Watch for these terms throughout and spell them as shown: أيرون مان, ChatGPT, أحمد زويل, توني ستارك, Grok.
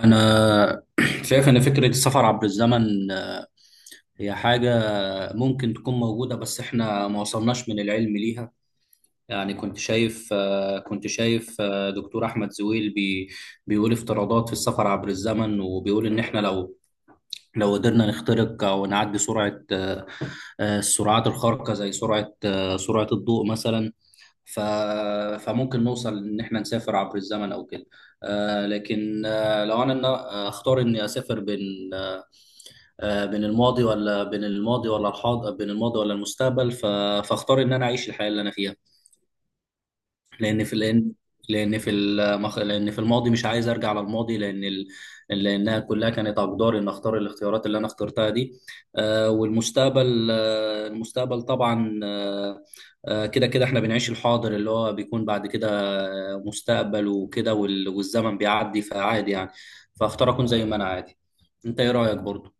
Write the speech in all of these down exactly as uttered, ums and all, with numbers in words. أنا شايف إن فكرة السفر عبر الزمن هي حاجة ممكن تكون موجودة بس إحنا ما وصلناش من العلم ليها. يعني كنت شايف آه، كنت شايف آه، دكتور أحمد زويل بي بيقول افتراضات في السفر عبر الزمن، وبيقول إن إحنا لو لو قدرنا نخترق أو نعدي سرعة آه، السرعات الخارقة زي سرعة آه، سرعة الضوء مثلا. ف فممكن نوصل إن إحنا نسافر عبر الزمن أو كده. آه، لكن آه، لو أنا إن- آه، أختار إني أسافر بين آه، آه، بين الماضي ولا بين الماضي ولا الحاضر بين الماضي ولا المستقبل، ف... فاختار ان انا اعيش الحياه اللي انا فيها. لان في لان لان في المخ... لان في الماضي مش عايز ارجع للماضي لان ال... لانها كلها كانت اقدار ان اختار الاختيارات اللي انا اخترتها دي. آه والمستقبل آه المستقبل طبعا، آه آه، كده كده احنا بنعيش الحاضر اللي هو بيكون بعد كده آه، مستقبل وكده، وال... والزمن بيعدي فعادي يعني، فاختار اكون زي ما انا عادي. انت ايه رايك برضو؟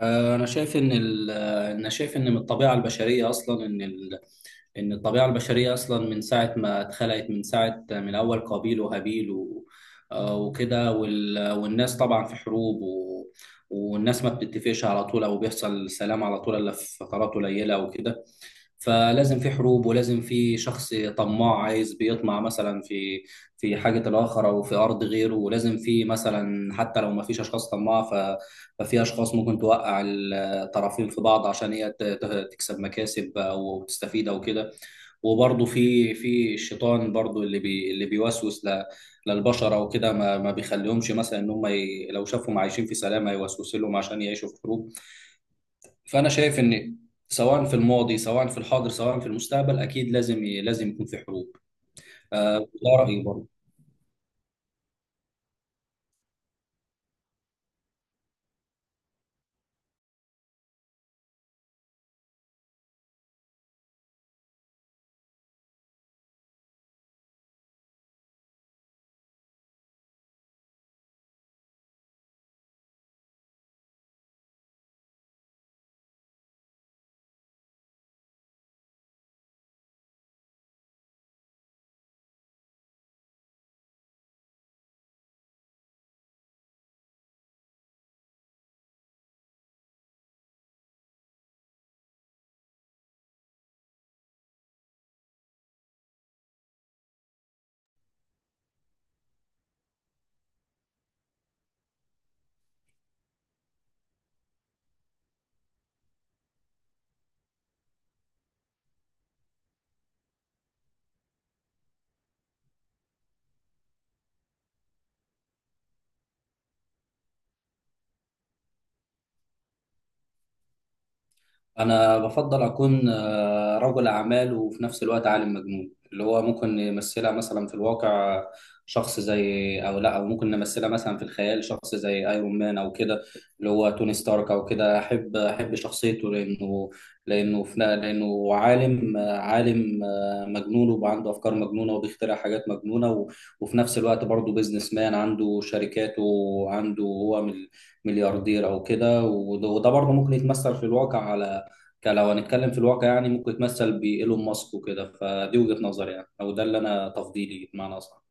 آه، أنا شايف إن ال- آه، أنا شايف إن من الطبيعة البشرية أصلا إن ال- إن الطبيعة البشرية أصلا من ساعة ما اتخلقت، من ساعة من أول قابيل وهابيل و- آه، وكده وال- والناس طبعا في حروب، و- والناس ما بتتفقش على طول أو بيحصل سلام على طول إلا في فترات قليلة وكده. فلازم في حروب، ولازم في شخص طماع عايز بيطمع مثلا في في حاجة الآخر أو في أرض غيره. ولازم في مثلا حتى لو ما فيش أشخاص طماعة ف- ففي أشخاص ممكن توقع الطرفين في بعض عشان هي ت- ت- تكسب مكاسب أو تستفيد أو كده. وبرضه في في الشيطان برضه اللي بي اللي بيوسوس ل- للبشر أو كده. ما ما بيخليهمش، مثلا إن هم ي- لو شافهم عايشين في سلام هيوسوس لهم عشان يعيشوا في حروب. فانا شايف ان سواء في الماضي سواء في الحاضر سواء في المستقبل اكيد لازم لازم يكون في حروب. آه، ده رايي برضه. أنا بفضل أكون آه، رجل أعمال وفي نفس الوقت عالم مجنون، اللي هو ممكن نمثلها مثلا في الواقع شخص زي، أو لا، أو ممكن نمثلها مثلا في الخيال شخص زي أيرون مان أو كده، اللي هو توني ستارك أو كده. أحب أحب شخصيته لأنه لأنه في لأنه عالم آه، عالم آه، مجنون، وبقى عنده أفكار مجنونة وبيخترع حاجات مجنونة، و- وفي نفس الوقت برضه بيزنس مان عنده شركاته، وعنده هو مل- ملياردير أو كده. وده وده برضه ممكن يتمثل في الواقع، على كان لو هنتكلم في الواقع يعني ممكن يتمثل بإيلون ماسك وكده. فدي وجهة نظري يعني، او ده اللي انا تفضيلي بمعنى اصح.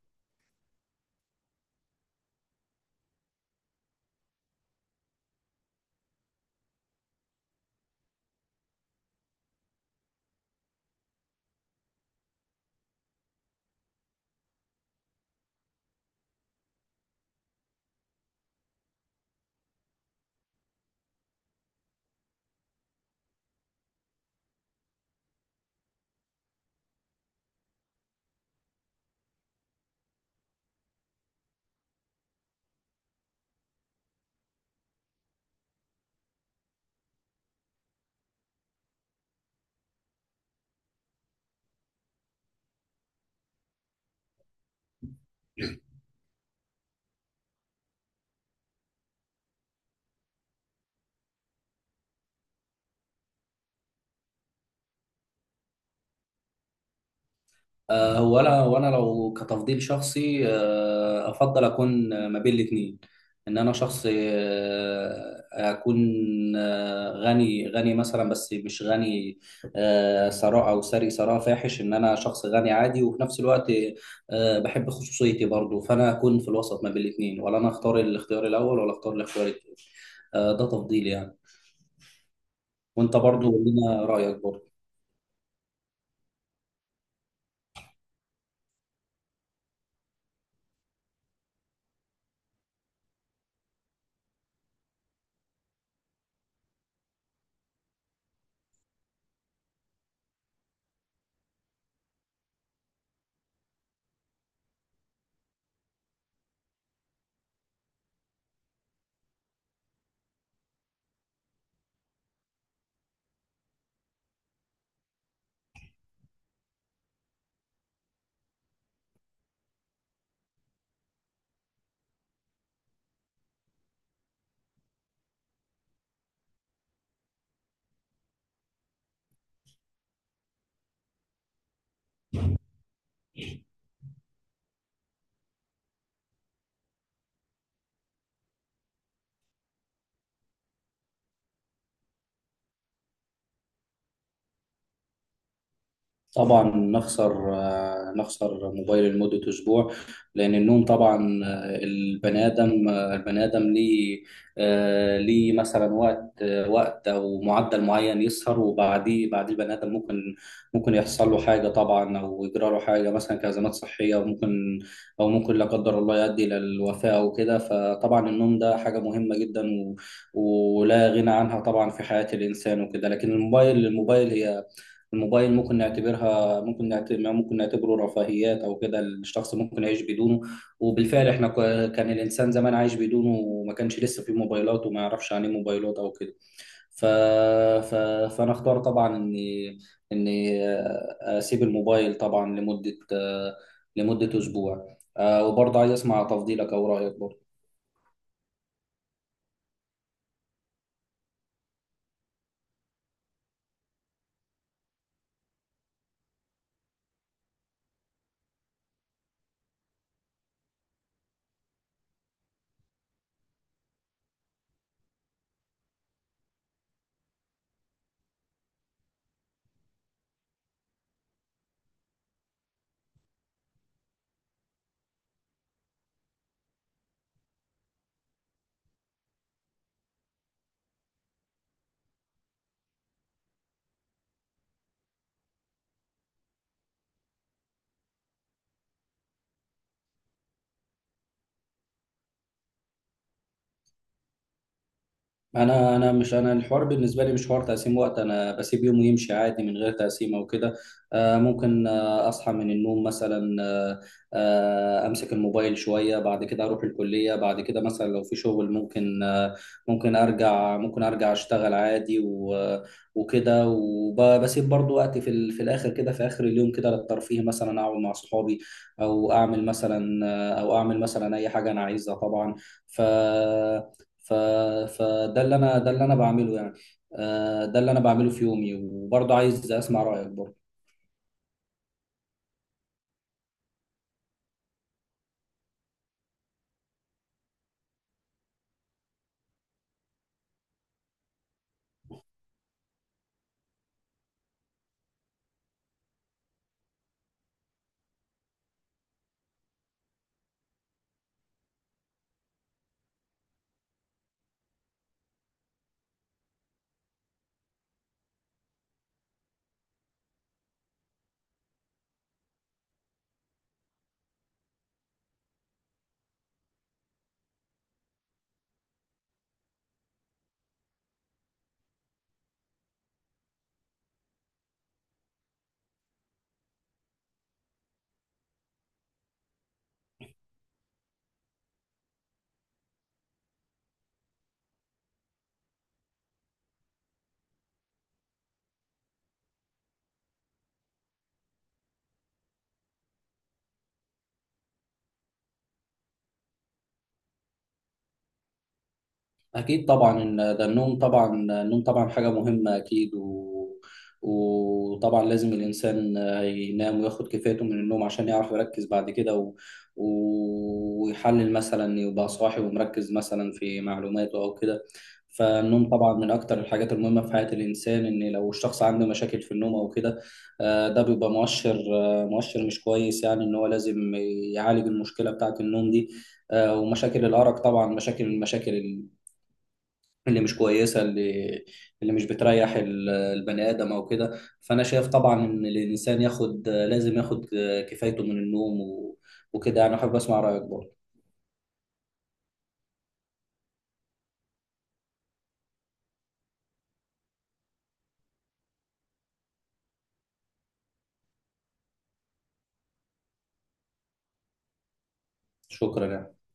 آه، هو انا وانا لو كتفضيل شخصي، آه، افضل اكون ما بين الاثنين. ان انا شخص آه، اكون آه، غني غني مثلا، بس مش غني آه، ثراء، او ثري ثراء فاحش. ان انا شخص غني عادي وفي نفس الوقت آه، بحب خصوصيتي برضو، فانا اكون في الوسط ما بين الاثنين، ولا انا اختار الاختيار الاول، ولا اختار الاختيار الثاني. آه، ده تفضيلي يعني. وانت برضو قول لنا رايك برضو. طبعا نخسر آه، نخسر موبايل لمدة أسبوع، لأن النوم طبعا، آه، البني آدم آه، البني آدم ليه آه، ليه مثلا وقت، آه، وقت أو معدل معين يسهر، وبعديه بعديه البني آدم ممكن، ممكن يحصل له حاجة طبعا، أو يجرى له حاجة مثلا كأزمات صحية، وممكن أو ممكن لا قدر الله يؤدي إلى الوفاة أو كده. فطبعا النوم ده حاجة مهمة جدا و- ولا غنى عنها طبعا في حياة الإنسان وكده. لكن الموبايل الموبايل هي الموبايل ممكن نعتبرها، ممكن نعتبر، ممكن نعتبره رفاهيات او كده، الشخص ممكن يعيش بدونه. وبالفعل احنا ك- كان الانسان زمان عايش بدونه، وما كانش لسه في موبايلات وما يعرفش عن ايه موبايلات او كده. ف... ف... فانا اختار طبعا اني اني اسيب الموبايل طبعا لمدة، لمدة اسبوع. آه، وبرضه عايز اسمع تفضيلك او رايك برضه. انا انا مش انا الحوار بالنسبه لي مش حوار تقسيم وقت، انا بسيب يوم يمشي عادي من غير تقسيم او كده. آه، ممكن آه، اصحى من النوم مثلا، آه، آه، امسك الموبايل شويه، بعد كده اروح الكليه، بعد كده مثلا لو في شغل ممكن آه، ممكن ارجع ممكن ارجع اشتغل عادي و- آه، وكده، وبسيب برضو وقت في ال- في الاخر كده، في اخر اليوم كده للترفيه، مثلا اقعد مع صحابي، او اعمل مثلا، آه، او اعمل مثلا اي حاجه انا عايزها طبعا. ف ف... فده اللي انا ده اللي انا بعمله يعني. آه، ده اللي انا بعمله في يومي. وبرضه عايز اسمع رايك برضه. أكيد طبعا، إن ده النوم طبعا، النوم طبعا حاجة مهمة أكيد. و... وطبعا لازم الإنسان ينام وياخد كفايته من النوم عشان يعرف يركز بعد كده، و... و- ويحلل، مثلا يبقى صاحي ومركز مثلا في معلوماته أو كده. فالنوم طبعا من أكتر الحاجات المهمة في حياة الإنسان، إن لو الشخص عنده مشاكل في النوم أو كده آه، ده بيبقى مؤشر، آه، مؤشر مش كويس يعني، إن هو لازم يعالج المشكلة بتاعة النوم دي. آه، ومشاكل الأرق طبعا، مشاكل مشاكل اللي مش كويسه، اللي اللي مش بتريح ال- البني ادم او كده. فانا شايف طبعا ان الانسان ياخد لازم ياخد كفايته من النوم، و- وكده يعني. احب اسمع رايك برضه. شكرا يعني.